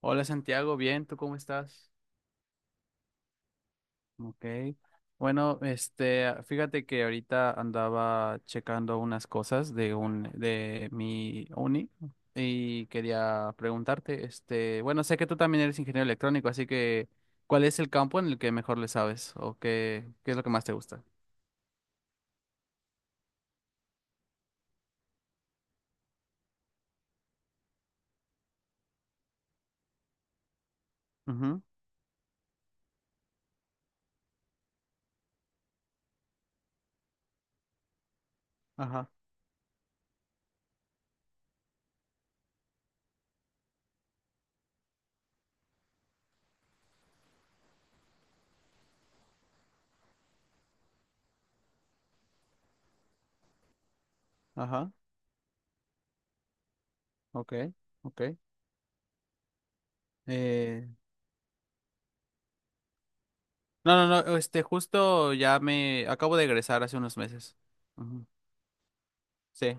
Hola Santiago, bien, ¿tú cómo estás? Ok. Bueno, este, fíjate que ahorita andaba checando unas cosas de mi uni y quería preguntarte, este, bueno, sé que tú también eres ingeniero electrónico, así que ¿cuál es el campo en el que mejor le sabes o qué es lo que más te gusta? Ujú. Ajá, ajá. Ok, ok. Eh, no, no, no, este, justo ya me acabo de egresar hace unos meses. Ujú. Sí.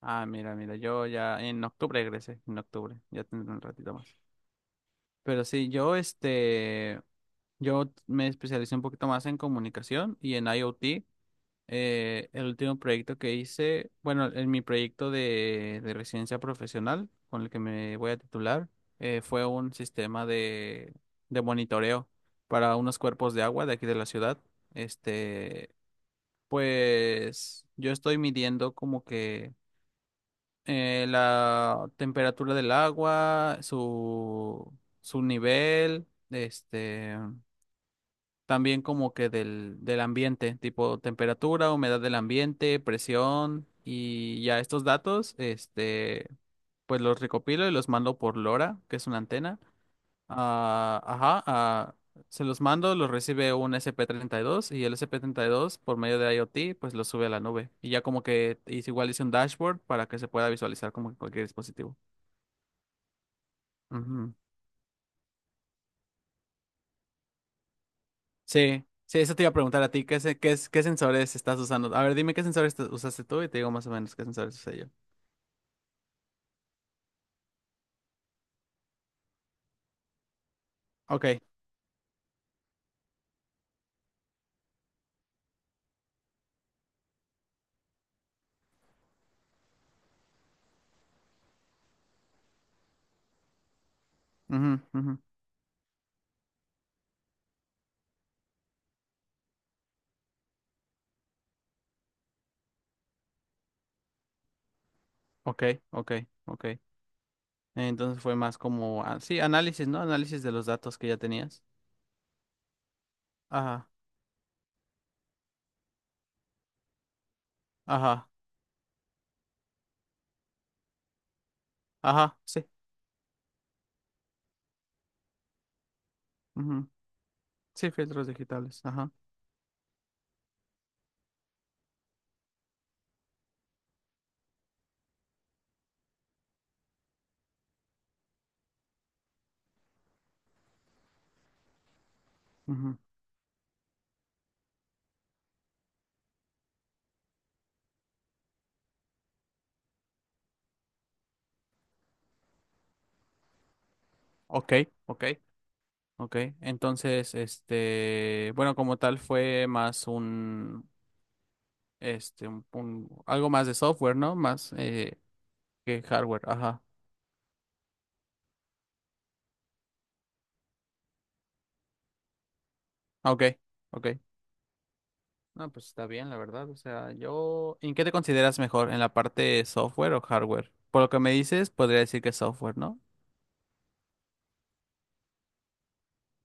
Ah, mira, mira, yo ya en octubre egresé, en octubre, ya tendré un ratito más. Pero sí, yo me especialicé un poquito más en comunicación y en IoT. El último proyecto que hice, bueno, en mi proyecto de residencia profesional, con el que me voy a titular, fue un sistema de monitoreo para unos cuerpos de agua de aquí de la ciudad. Este, pues yo estoy midiendo como que la temperatura del agua, su nivel, este, también como que del ambiente, tipo temperatura, humedad del ambiente, presión, y ya estos datos, este, pues los recopilo y los mando por LoRa, que es una antena. Ajá, se los mando, los recibe un sp treinta y dos y el sp dos por medio de IoT pues lo sube a la nube. Y ya como que igual hice un dashboard para que se pueda visualizar como en cualquier dispositivo. Ujú. Sí, sí, eso te iba a preguntar a ti, ¿qué, se- qué, es- qué sensores estás usando? A ver, dime qué sensores usaste tú y te digo más o menos qué sensores usé yo. Ok. Ujú, ujú. Ok, ok, ok. Entonces fue más como, sí, análisis, ¿no? Análisis de los datos que ya tenías. Ajá, ajá, ajá, sí. Sí, filtros digitales. Ajá. Ujú. Ok, ok, ok. Entonces, este, bueno, como tal fue más un, este, un- algo más de software, ¿no? Más que hardware. Ajá. Ok, ok. No, pues está bien, la verdad. O sea, yo, ¿en qué te consideras mejor? ¿En la parte software o hardware? Por lo que me dices, podría decir que software, ¿no?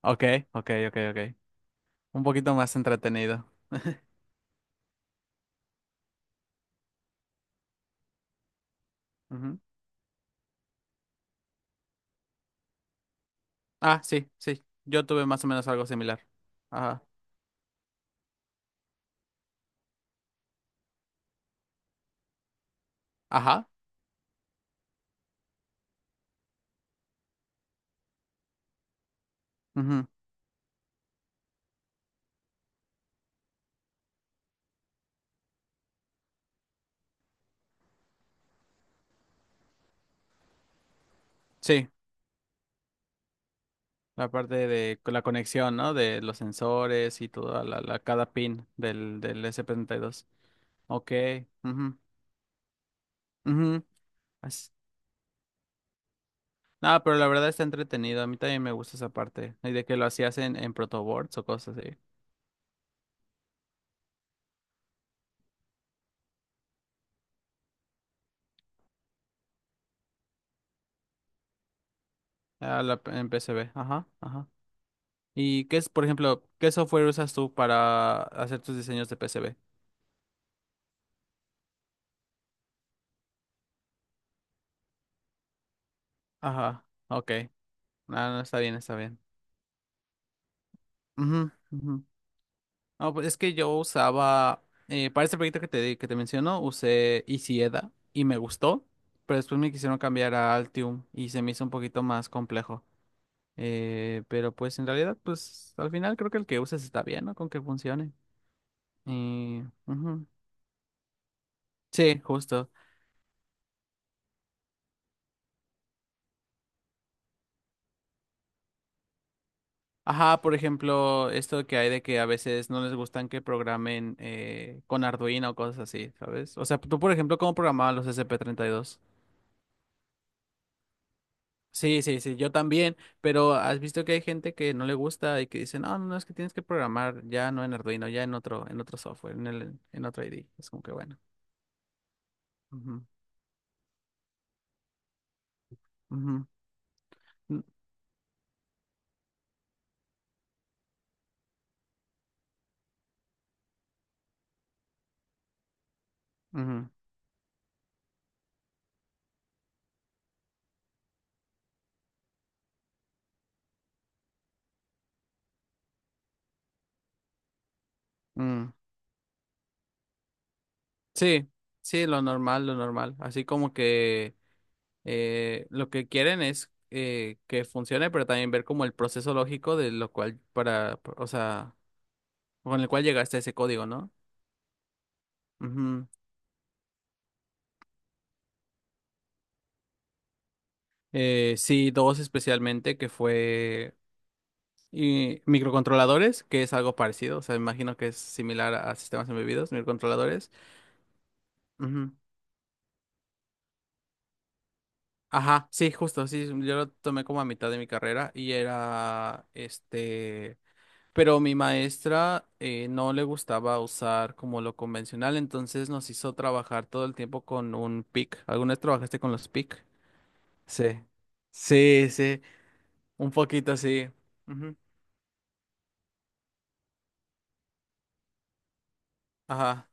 Ok, ok, ok, ok. Un poquito más entretenido. Ujú. Ah, sí, sí. Yo tuve más o menos algo similar. Ajá. Ajá. Ujú. Sí, la parte la conexión, ¿no? De los sensores y toda cada pin del S72. Ok. Ujú, ujú. as- No, pero la verdad está entretenido. A mí también me gusta esa parte. Y de que lo hacías en protoboards o cosas así. Ah, en PCB. Ajá, ajá. ¿Y qué es, por ejemplo, qué software usas tú para hacer tus diseños de PCB? Ajá, ok. Ah, no, está bien, está bien. Ujú, ujú. No, pues es que yo usaba, para este proyecto que te menciono, usé Isieda y me gustó, pero después me quisieron cambiar a Altium y se me hizo un poquito más complejo. Pero pues en realidad, pues al final creo que el que uses está bien, ¿no? Con que funcione. Y, ujú. Sí, justo. Ajá, por ejemplo, esto que hay de que a veces no les gustan que programen con Arduino o cosas así, ¿sabes? O sea, tú, por ejemplo, ¿cómo programabas los S P treinta y dos? Sí, sí, sí, yo también, pero has visto que hay gente que no le gusta y que dice, no, no, no, es que tienes que programar ya no en Arduino, ya en otro software, en otro ID. Es como que bueno. Ujú, ujú. Mm. Ujú. Mm. Sí, sí, lo normal, lo normal. Así como que lo que quieren es que funcione, pero también ver como el proceso lógico de lo cual para, o sea, con el cual llegaste a ese código, ¿no? Ujú. Sí, dos especialmente, que fue y microcontroladores, que es algo parecido, o sea, imagino que es similar a sistemas embebidos, microcontroladores. Ujú. Ajá, sí, justo, sí, sí, yo lo tomé como a mitad de mi carrera y era, este, pero mi maestra no le gustaba usar como lo convencional, entonces nos hizo trabajar todo el tiempo con un PIC. ¿Alguna vez trabajaste con los PIC? Sí, sí, sí, un poquito sí. Ujú. Ajá.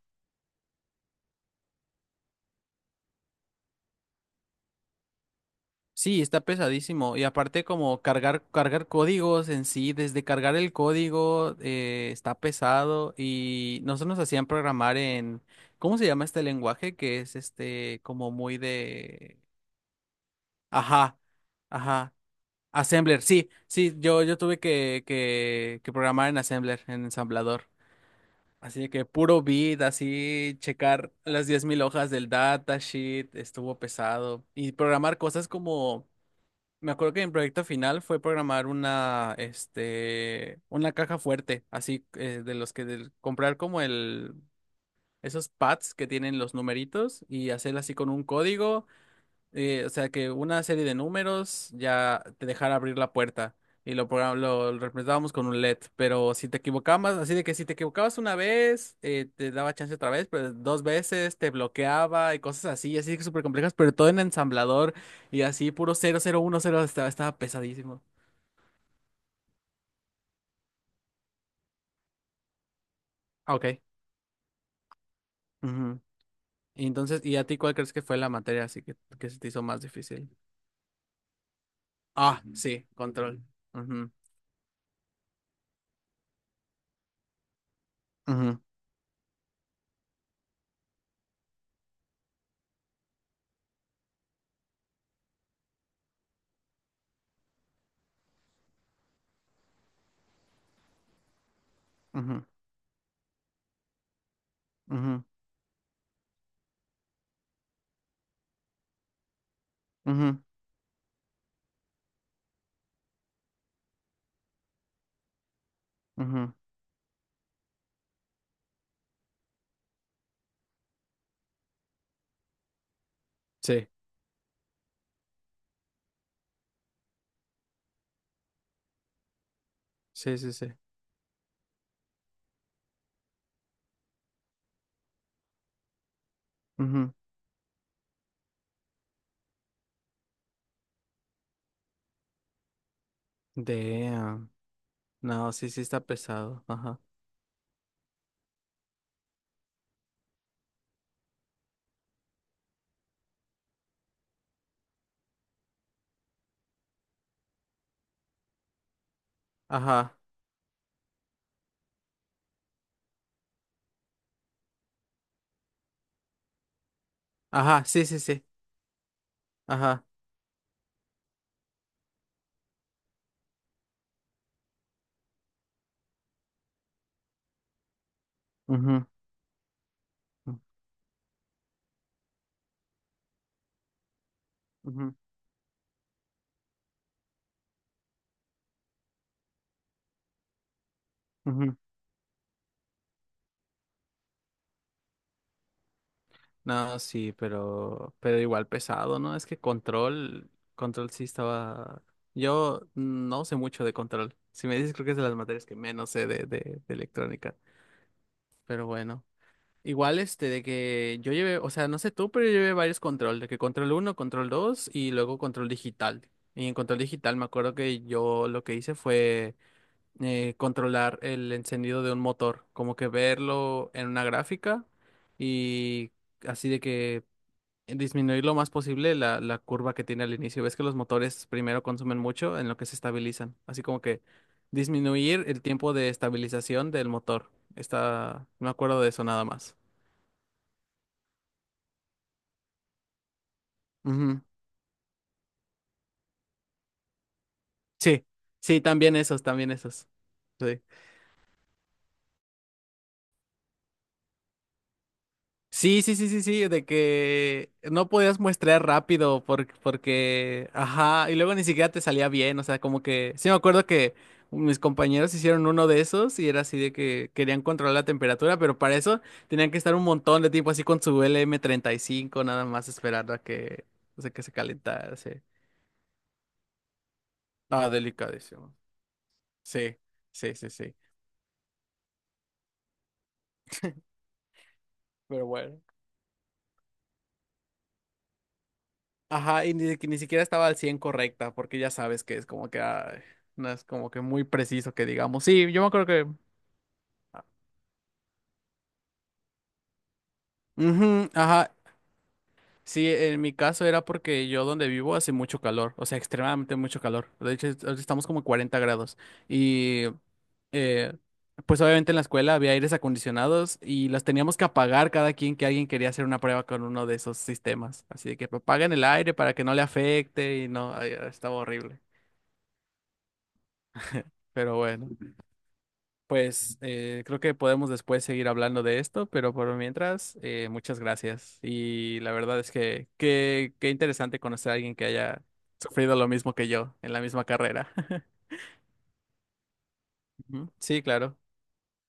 Sí, está pesadísimo. Y aparte como cargar códigos en sí, desde cargar el código está pesado y nosotros nos hacían programar en, ¿cómo se llama este lenguaje? Que es este como muy de... Ajá, ajá. Assembler, sí, sí, yo tuve que programar en Assembler, en ensamblador. Así que puro bit, así checar las 10,000 hojas del datasheet, estuvo pesado. Y programar cosas como... Me acuerdo que mi proyecto final fue programar una caja fuerte, así de los que comprar como el, esos pads que tienen los numeritos y hacer así con un código o sea que una serie de números ya te dejara abrir la puerta y lo representábamos con un LED, pero si te equivocabas, así de que si te equivocabas una vez, te daba chance otra vez, pero dos veces te bloqueaba y cosas así, así que súper complejas, pero todo en ensamblador y así puro 0010 estaba pesadísimo. Ah, ok. Ujú. Y entonces, ¿y a ti cuál crees que fue la materia así que se te hizo más difícil? Ah, sí, control. Ujú, ujú, ujú, ujú, ujú, ujú. Sí. Sí, sí, sí. Ujú. Damn. No, sí, sí está pesado. Ajá. Ajá. Ajá, sí, sí, sí. Ajá. Ujú, ujú, ujú. No, sí, pero igual pesado, ¿no? Es que control, control sí estaba. Yo no sé mucho de control. Si me dices, creo que es de las materias que menos sé de electrónica. Pero bueno. Igual este de que yo llevé, o sea, no sé tú, pero yo llevé varios control, de que control uno control 2 y luego control digital. Y en control digital me acuerdo que yo lo que hice fue controlar el encendido de un motor, como que verlo en una gráfica y así de que disminuir lo más posible la curva que tiene al inicio. Ves que los motores primero consumen mucho en lo que se estabilizan, así como que disminuir el tiempo de estabilización del motor. Está, me acuerdo de eso nada más. Ujú. Sí, sí, también esos, también esos. Sí. Sí, sí, sí, sí, sí, de que no podías muestrear rápido porque, ajá, y luego ni siquiera te salía bien, o sea, como que, sí me acuerdo que mis compañeros hicieron uno de esos y era así de que querían controlar la temperatura, pero para eso tenían que estar un montón de tiempo así con su lm cinco nada más esperando a que, o sea, que se calentara, sí. Ah, delicadísimo. Sí, sí, sí, sí. Pero bueno. Ajá, y ni, que ni siquiera estaba al 100 correcta, porque ya sabes que es como que ay, no es como que muy preciso que digamos. Sí, yo me acuerdo que. Ah. Ujú, ajá. Sí, en mi caso era porque yo donde vivo hace mucho calor, o sea, extremadamente mucho calor. De hecho, ahorita estamos como 40 grados. Y eh, pues obviamente en la escuela había aires acondicionados y los teníamos que apagar cada quien que alguien quería hacer una prueba con uno de esos sistemas. Así de que apaguen el aire para que no le afecte y no, ay, estaba horrible. Pero bueno. Pues creo que podemos después seguir hablando de esto, pero por mientras, muchas gracias. Y la verdad es que qué interesante conocer a alguien que haya sufrido lo mismo que yo en la misma carrera. Ujú. Sí, claro.